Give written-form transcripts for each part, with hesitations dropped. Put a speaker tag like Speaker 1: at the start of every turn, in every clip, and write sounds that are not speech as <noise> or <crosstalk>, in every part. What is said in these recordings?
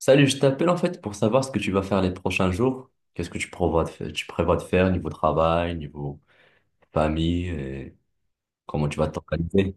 Speaker 1: Salut, je t'appelle en fait pour savoir ce que tu vas faire les prochains jours. Qu'est-ce que tu prévois de faire, tu prévois de faire niveau travail, niveau famille et comment tu vas t'organiser?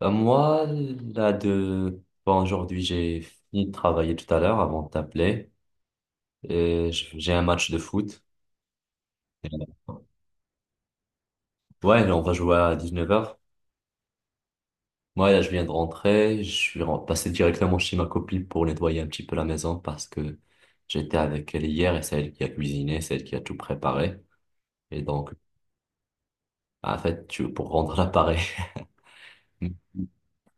Speaker 1: Ben, moi, là de bon, aujourd'hui, j'ai fini de travailler tout à l'heure avant de t'appeler et j'ai un match de foot. Ouais, là, on va jouer à 19 heures. Moi, là, je viens de rentrer, je suis passé directement chez ma copine pour nettoyer un petit peu la maison parce que j'étais avec elle hier et c'est elle qui a cuisiné, c'est elle qui a tout préparé. Et donc, ah, en fait, tu, pour rendre l'appareil. <laughs>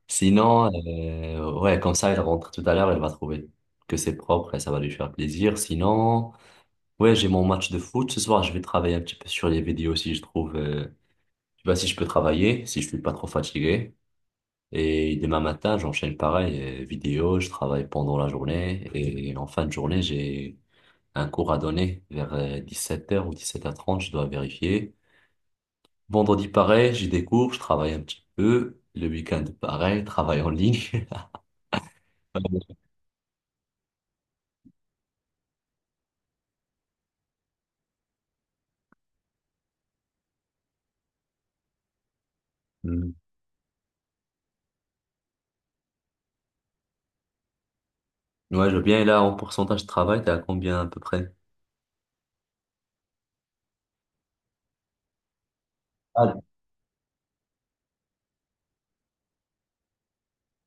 Speaker 1: Sinon, ouais, comme ça, elle rentre tout à l'heure, elle va trouver que c'est propre et ça va lui faire plaisir. Sinon, ouais, j'ai mon match de foot ce soir. Je vais travailler un petit peu sur les vidéos si je trouve, tu vois, si je peux travailler, si je suis pas trop fatigué. Et demain matin, j'enchaîne pareil, vidéo, je travaille pendant la journée et en fin de journée, j'ai un cours à donner vers 17 heures ou 17h30, je dois vérifier. Vendredi, pareil, j'y découvre, je travaille un petit peu. Le week-end, pareil, travail en ligne. <laughs> Hmm. Ouais, je veux bien. Et là, en pourcentage de travail, t'es à combien à peu près? Ah,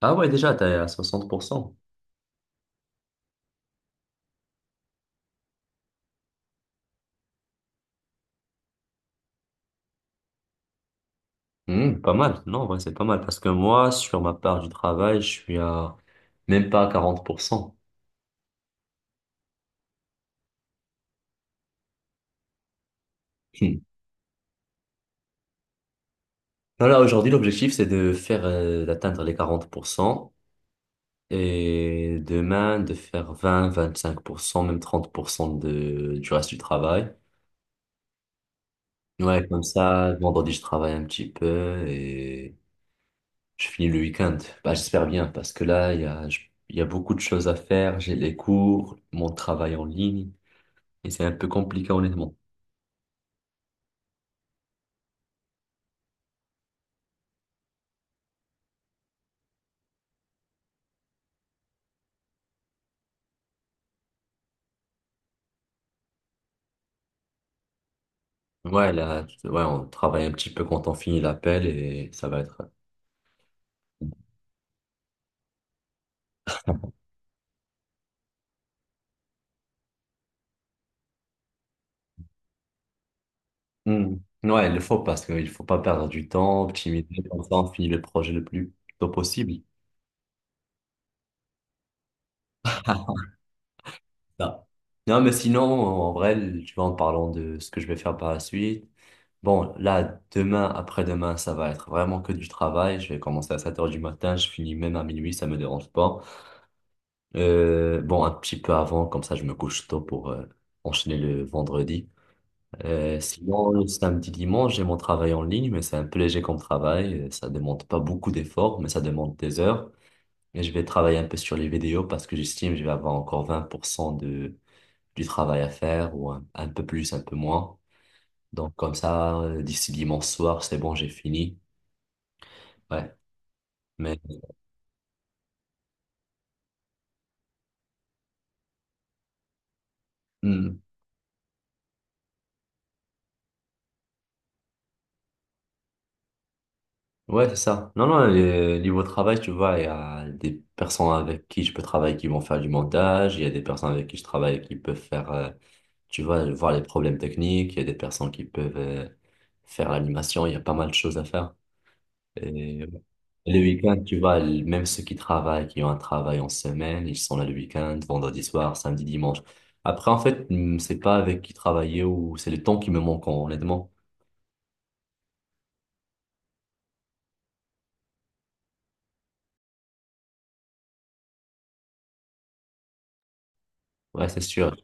Speaker 1: ah ouais, déjà, t'es à 60%. Hmm, pas mal. Non, en vrai, c'est pas mal. Parce que moi, sur ma part du travail, je suis à même pas à 40%. Hmm. Non, là, aujourd'hui, l'objectif, c'est de faire, d'atteindre les 40% et demain, de faire 20, 25%, même 30% de, du reste du travail. Ouais, comme ça, vendredi, je travaille un petit peu et je finis le week-end. Bah, j'espère bien parce que là, il y a, il y a beaucoup de choses à faire. J'ai les cours, mon travail en ligne et c'est un peu compliqué, honnêtement. Ouais, là, ouais, on travaille un petit peu quand on finit l'appel et ça va être. Hmm. Ouais, il le faut parce qu'il faut pas perdre du temps, optimiser, comme ça, on finit le projet le plus tôt possible. Là. Non, mais sinon, en vrai, tu vois, en parlant de ce que je vais faire par la suite. Bon, là, demain, après-demain, ça va être vraiment que du travail. Je vais commencer à 7 heures du matin, je finis même à minuit, ça me dérange pas. Bon, un petit peu avant, comme ça, je me couche tôt pour enchaîner le vendredi. Sinon, le samedi, dimanche, j'ai mon travail en ligne, mais c'est un peu léger comme travail. Ça demande pas beaucoup d'efforts, mais ça demande des heures. Et je vais travailler un peu sur les vidéos parce que j'estime que je vais avoir encore 20% de, du travail à faire, ou un peu plus, un peu moins. Donc comme ça, d'ici dimanche soir, c'est bon, j'ai fini. Ouais, mais hmm, ouais, c'est ça. Non, non, niveau travail, tu vois, il y a des personnes avec qui je peux travailler qui vont faire du montage, il y a des personnes avec qui je travaille qui peuvent faire, tu vois, voir les problèmes techniques, il y a des personnes qui peuvent faire l'animation, il y a pas mal de choses à faire. Et le week-end, tu vois, même ceux qui travaillent, qui ont un travail en semaine, ils sont là le week-end, vendredi soir, samedi, dimanche. Après, en fait, c'est pas avec qui travailler ou c'est le temps qui me manque, honnêtement. Ouais, c'est sûr.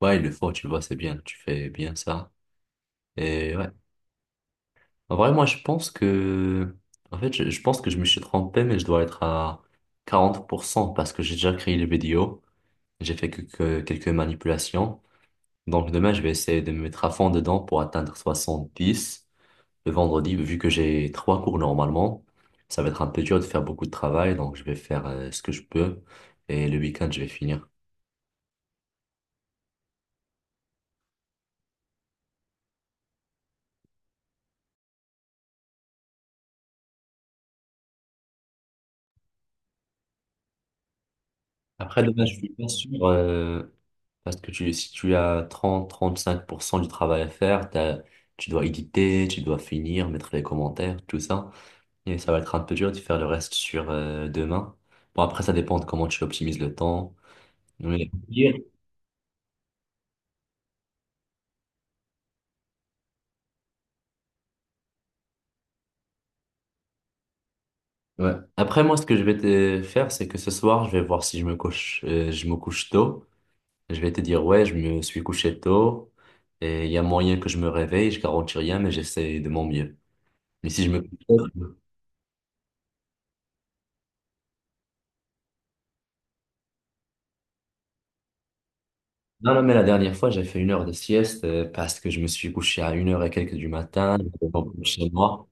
Speaker 1: Ouais, il le faut, tu vois, c'est bien, tu fais bien ça. Et ouais. En vrai, moi, je pense que, en fait, je pense que je me suis trompé, mais je dois être à 40% parce que j'ai déjà créé les vidéos. J'ai fait que quelques manipulations. Donc, demain, je vais essayer de me mettre à fond dedans pour atteindre 70. Le vendredi, vu que j'ai trois cours normalement, ça va être un peu dur de faire beaucoup de travail, donc je vais faire ce que je peux. Et le week-end, je vais finir. Après, demain, je suis pas sûr. Parce que tu, si tu as 30-35% du travail à faire, tu dois éditer, tu dois finir, mettre les commentaires, tout ça. Et ça va être un peu dur de faire le reste sur demain. Bon, après, ça dépend de comment tu optimises le temps. Mais- Ouais. Après, moi, ce que je vais te faire, c'est que ce soir, je vais voir si je me couche, je me couche tôt. Je vais te dire, ouais, je me suis couché tôt. Et il y a moyen que je me réveille, je garantis rien, mais j'essaie de mon mieux. Mais si je me couche tôt. Non, non, mais la dernière fois, j'ai fait une heure de sieste parce que je me suis couché à une heure et quelques du matin, j'étais pas chez moi.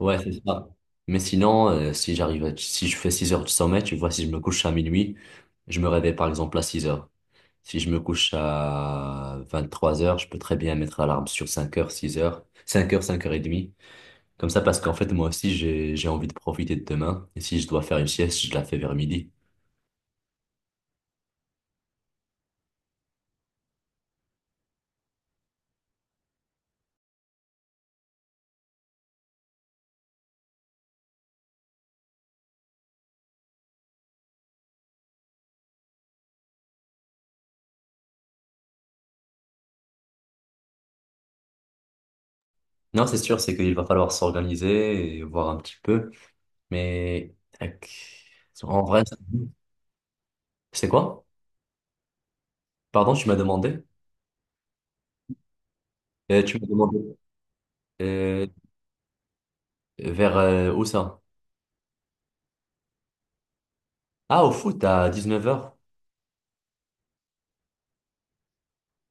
Speaker 1: Ouais, c'est ça. Mais sinon, si j'arrive à- si je fais 6 heures de sommeil, tu vois, si je me couche à minuit, je me réveille par exemple à 6 heures. Si je me couche à 23 heures, je peux très bien mettre l'alarme sur 5 heures, 6 heures, 5 heures, 5 heures et demie. Comme ça, parce qu'en fait, moi aussi, j'ai envie de profiter de demain. Et si je dois faire une sieste, je la fais vers midi. Non, c'est sûr, c'est qu'il va falloir s'organiser et voir un petit peu. Mais tac. En vrai, c'est quoi? Pardon, tu m'as demandé? Tu m'as demandé euh, vers où ça? Ah, au foot à 19 heures.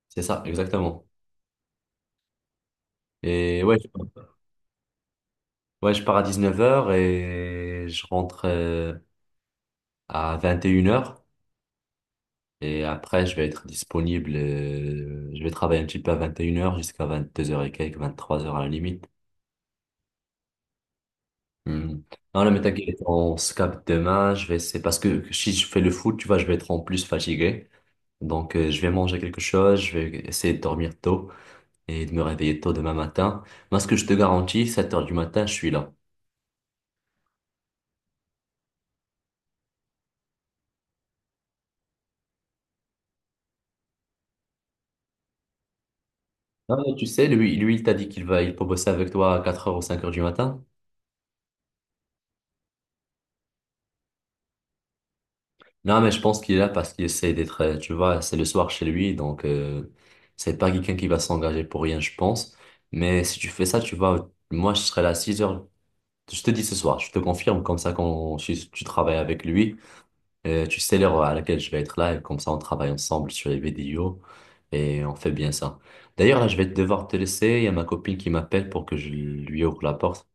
Speaker 1: C'est ça, exactement. Et ouais, ouais, je pars à 19 heures et je rentre à 21 heures. Et après, je vais être disponible. Je vais travailler un petit peu à 21 heures jusqu'à 22 heures et quelques, 23 heures à la limite. Hmm. Non, non, mais t'inquiète, on se capte demain. Je vais, c'est parce que si je fais le foot, tu vois, je vais être en plus fatigué. Donc, je vais manger quelque chose, je vais essayer de dormir tôt et de me réveiller tôt demain matin. Moi, ce que je te garantis, 7 heures du matin, je suis là. Non, mais tu sais, lui, il t'a dit qu'il va, il peut bosser avec toi à 4 heures ou 5 heures du matin. Non, mais je pense qu'il est là parce qu'il essaie d'être, tu vois, c'est le soir chez lui, donc, c'est pas quelqu'un qui va s'engager pour rien, je pense. Mais si tu fais ça, tu vois, moi, je serai là à 6h. Je te dis ce soir, je te confirme, comme ça quand tu travailles avec lui, tu sais l'heure à laquelle je vais être là, et comme ça on travaille ensemble sur les vidéos, et on fait bien ça. D'ailleurs, là, je vais devoir te laisser, il y a ma copine qui m'appelle pour que je lui ouvre la porte.